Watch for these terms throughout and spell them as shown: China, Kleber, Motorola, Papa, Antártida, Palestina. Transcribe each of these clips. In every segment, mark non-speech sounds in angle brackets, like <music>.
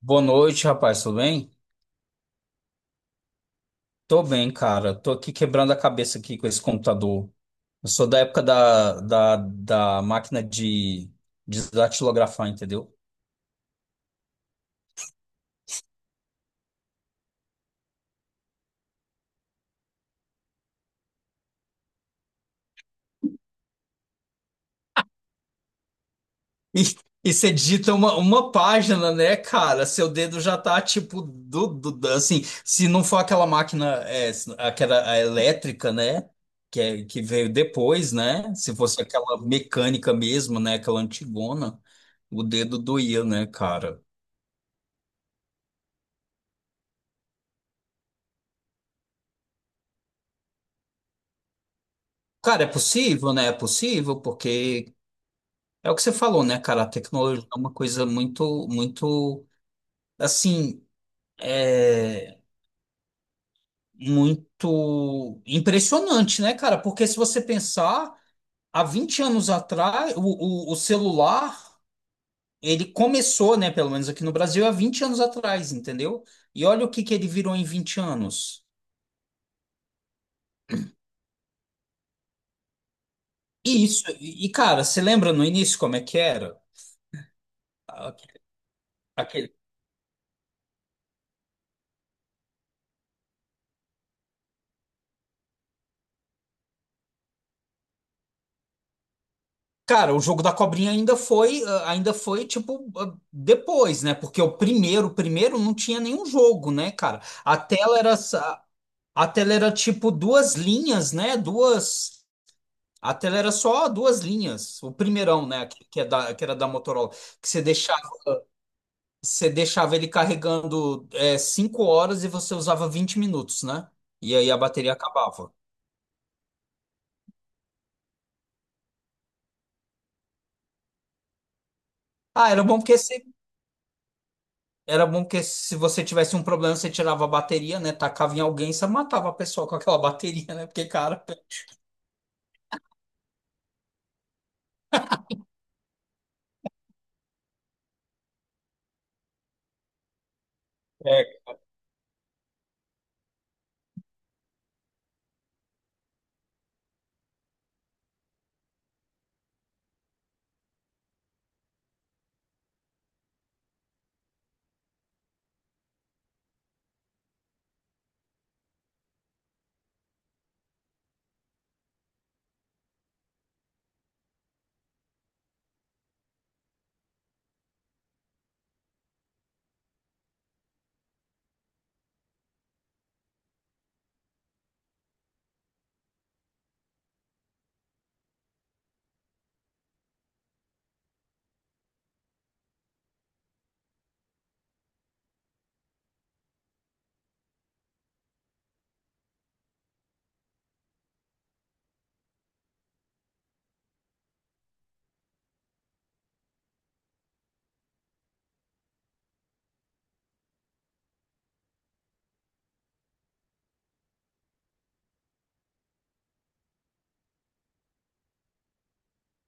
Boa noite, rapaz, tudo bem? Tô bem, cara. Tô aqui quebrando a cabeça aqui com esse computador. Eu sou da época da máquina de datilografar, entendeu? <laughs> E, e você digita uma página, né, cara? Seu dedo já tá tipo assim, se não for aquela máquina, aquela a elétrica, né? Que veio depois, né? Se fosse aquela mecânica mesmo, né? Aquela antigona, o dedo doía, né, cara? Cara, é possível, né? É possível, porque é o que você falou, né, cara? A tecnologia é uma coisa muito, muito, assim, é muito impressionante, né, cara? Porque se você pensar, há 20 anos atrás, o celular, ele começou, né, pelo menos aqui no Brasil, há 20 anos atrás, entendeu? E olha o que que ele virou em 20 anos. E isso, cara, você lembra no início como é que era? Aquele Cara, o jogo da cobrinha ainda foi tipo depois, né? Porque o primeiro não tinha nenhum jogo, né, cara? A tela era tipo duas linhas, né? Duas A tela era só duas linhas. O primeirão, né, que era da Motorola, que você deixava ele carregando 5 horas e você usava 20 minutos, né? E aí a bateria acabava. Ah, Era bom que se você tivesse um problema, você tirava a bateria, né? Tacava em alguém, você matava a pessoa com aquela <laughs> bateria, né? Porque, cara, É,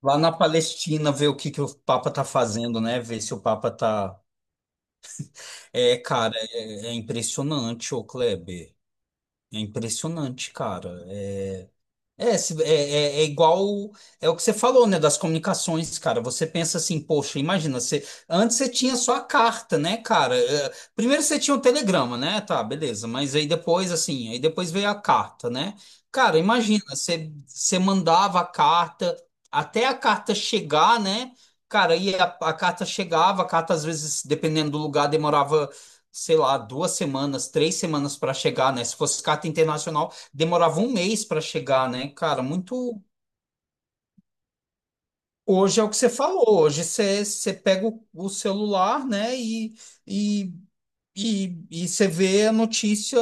lá na Palestina, ver o que que o Papa tá fazendo, né? Ver se o Papa tá. É, cara, é impressionante, ô Kleber. É impressionante, cara. É, se- é, é igual, é o que você falou, né, das comunicações, cara. Você pensa assim, poxa, imagina, antes você tinha só a carta, né, cara? É, primeiro você tinha o telegrama, né? Tá, beleza, mas aí depois veio a carta, né? Cara, imagina, você mandava a carta, até a carta chegar, né? Cara, e a carta chegava, a carta às vezes, dependendo do lugar, demorava, sei lá, 2 semanas, 3 semanas para chegar, né? Se fosse carta internacional demorava um mês para chegar, né, cara? Muito. Hoje é o que você falou. Hoje você pega o celular, né, e, e você vê a notícia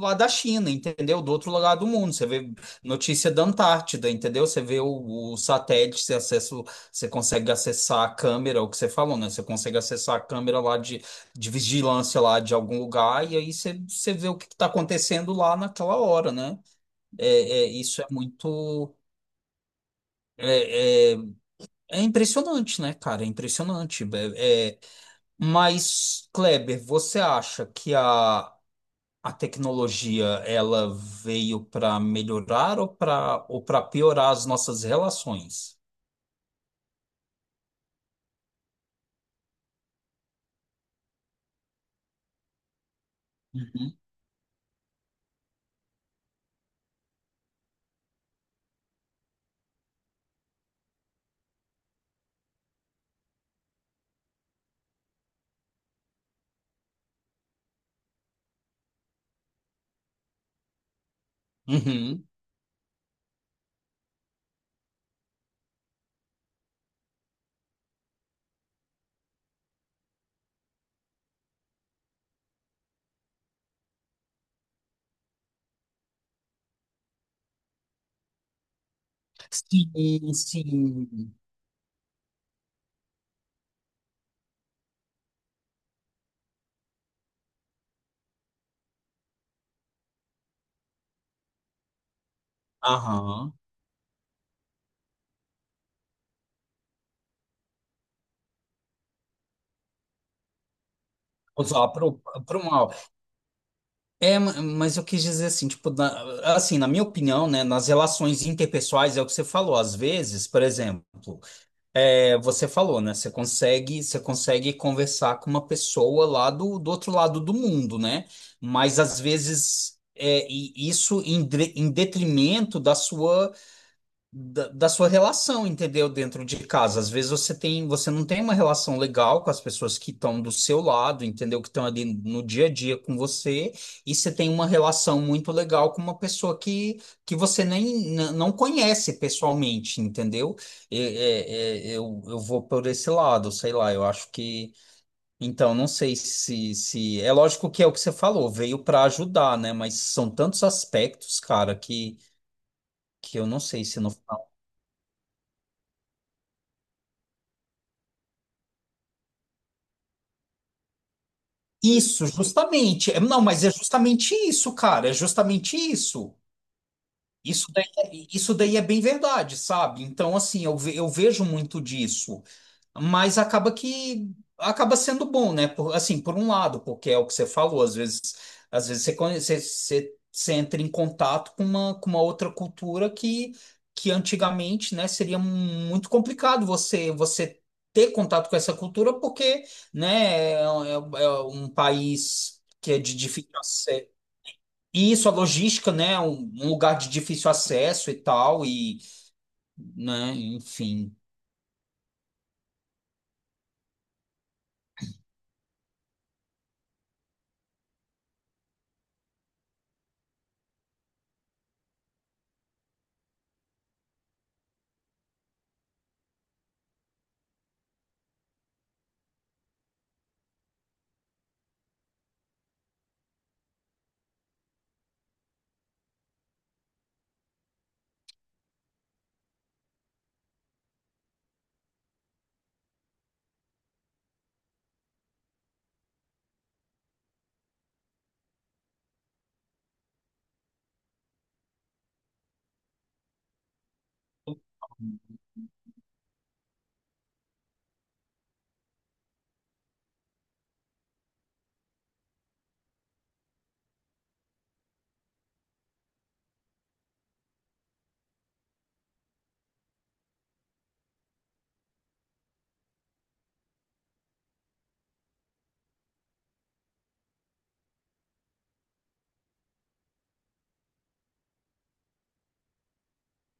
lá da China, entendeu? Do outro lado do mundo. Você vê notícia da Antártida, entendeu? Você vê o satélite, você consegue acessar a câmera, o que você falou, né? Você consegue acessar a câmera lá de vigilância lá de algum lugar, e aí você vê o que está acontecendo lá naquela hora, né? É, isso é muito. É, é, é impressionante, né, cara? É impressionante. Mas, Kleber, você acha que a tecnologia ela veio para melhorar ou para piorar as nossas relações? Uhum. Uhum. Sim, sim. Aham. Usar para o mal. É, mas eu quis dizer assim, tipo, na minha opinião, né, nas relações interpessoais é o que você falou, às vezes, por exemplo. É, você falou, né? Você consegue conversar com uma pessoa lá do outro lado do mundo, né? Mas às vezes e isso em detrimento da sua relação, entendeu? Dentro de casa. Às vezes você não tem uma relação legal com as pessoas que estão do seu lado, entendeu? Que estão ali no dia a dia com você, e você tem uma relação muito legal com uma pessoa que você nem não conhece pessoalmente, entendeu? Eu vou por esse lado, sei lá, eu acho que. Então, não sei se. É lógico que é o que você falou, veio para ajudar, né? Mas são tantos aspectos, cara, que eu não sei se não. Isso, justamente. É, não, mas é justamente isso, cara. É justamente isso. Isso daí, isso daí é bem verdade, sabe? Então, assim, eu vejo muito disso, mas acaba sendo bom, né? Por um lado, porque é o que você falou, às vezes, você, conhe- você, você, você entra em contato com uma outra cultura que antigamente, né, seria muito complicado você ter contato com essa cultura, porque, né, é um país que é de difícil acesso. E isso, a logística, né, é um lugar de difícil acesso e tal, e, né, enfim.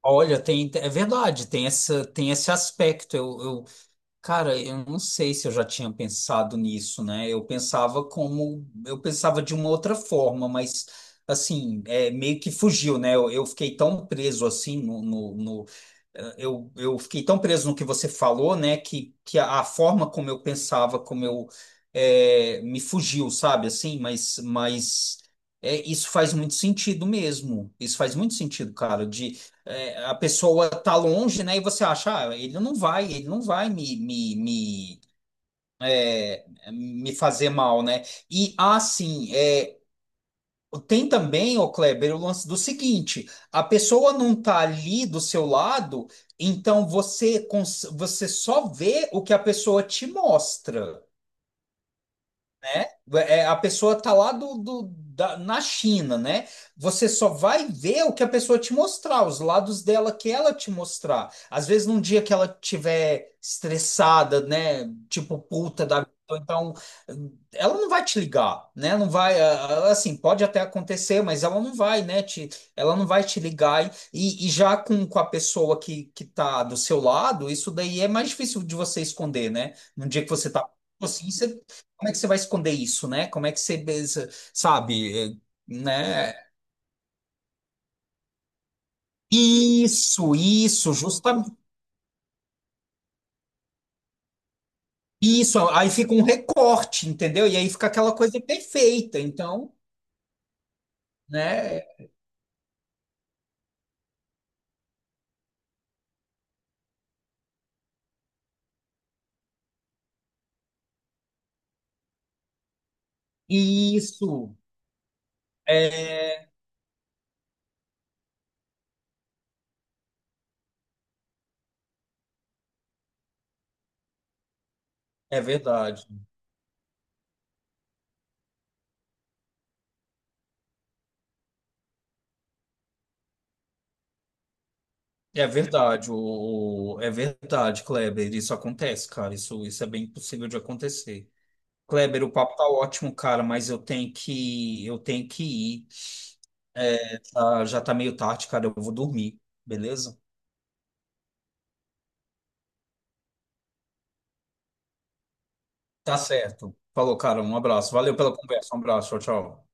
Olha, é verdade, tem esse aspecto. Cara, eu não sei se eu já tinha pensado nisso, né? Eu pensava de uma outra forma, mas assim, meio que fugiu, né? Eu fiquei tão preso assim Eu fiquei tão preso no que você falou, né? Que a forma como eu me fugiu, sabe? Assim, mas isso faz muito sentido mesmo. Isso faz muito sentido, cara. É, a pessoa tá longe, né? E você acha, ele não vai me fazer mal, né? E assim, tem também, ô Kleber, o lance do seguinte: a pessoa não tá ali do seu lado, então você só vê o que a pessoa te mostra. Né? É, a pessoa tá lá na China, né? Você só vai ver o que a pessoa te mostrar, os lados dela que ela te mostrar. Às vezes, num dia que ela tiver estressada, né? Tipo, puta da vida, ou então ela não vai te ligar, né? Não vai, assim, pode até acontecer, mas ela não vai, né? Ela não vai te ligar. E já com a pessoa que tá do seu lado, isso daí é mais difícil de você esconder, né? Num dia que você tá assim, você como é que você vai esconder isso, né? Como é que você, sabe, né? Isso, justamente isso. Aí fica um recorte, entendeu? E aí fica aquela coisa perfeita. Então, né? Isso. É, é verdade. É verdade, é verdade, Kleber. Isso acontece, cara. Isso é bem possível de acontecer. Kleber, o papo tá ótimo, cara, mas eu tenho que ir. Ah, já tá meio tarde, cara. Eu vou dormir, beleza? Tá certo. Falou, cara. Um abraço. Valeu pela conversa. Um abraço. Tchau, tchau.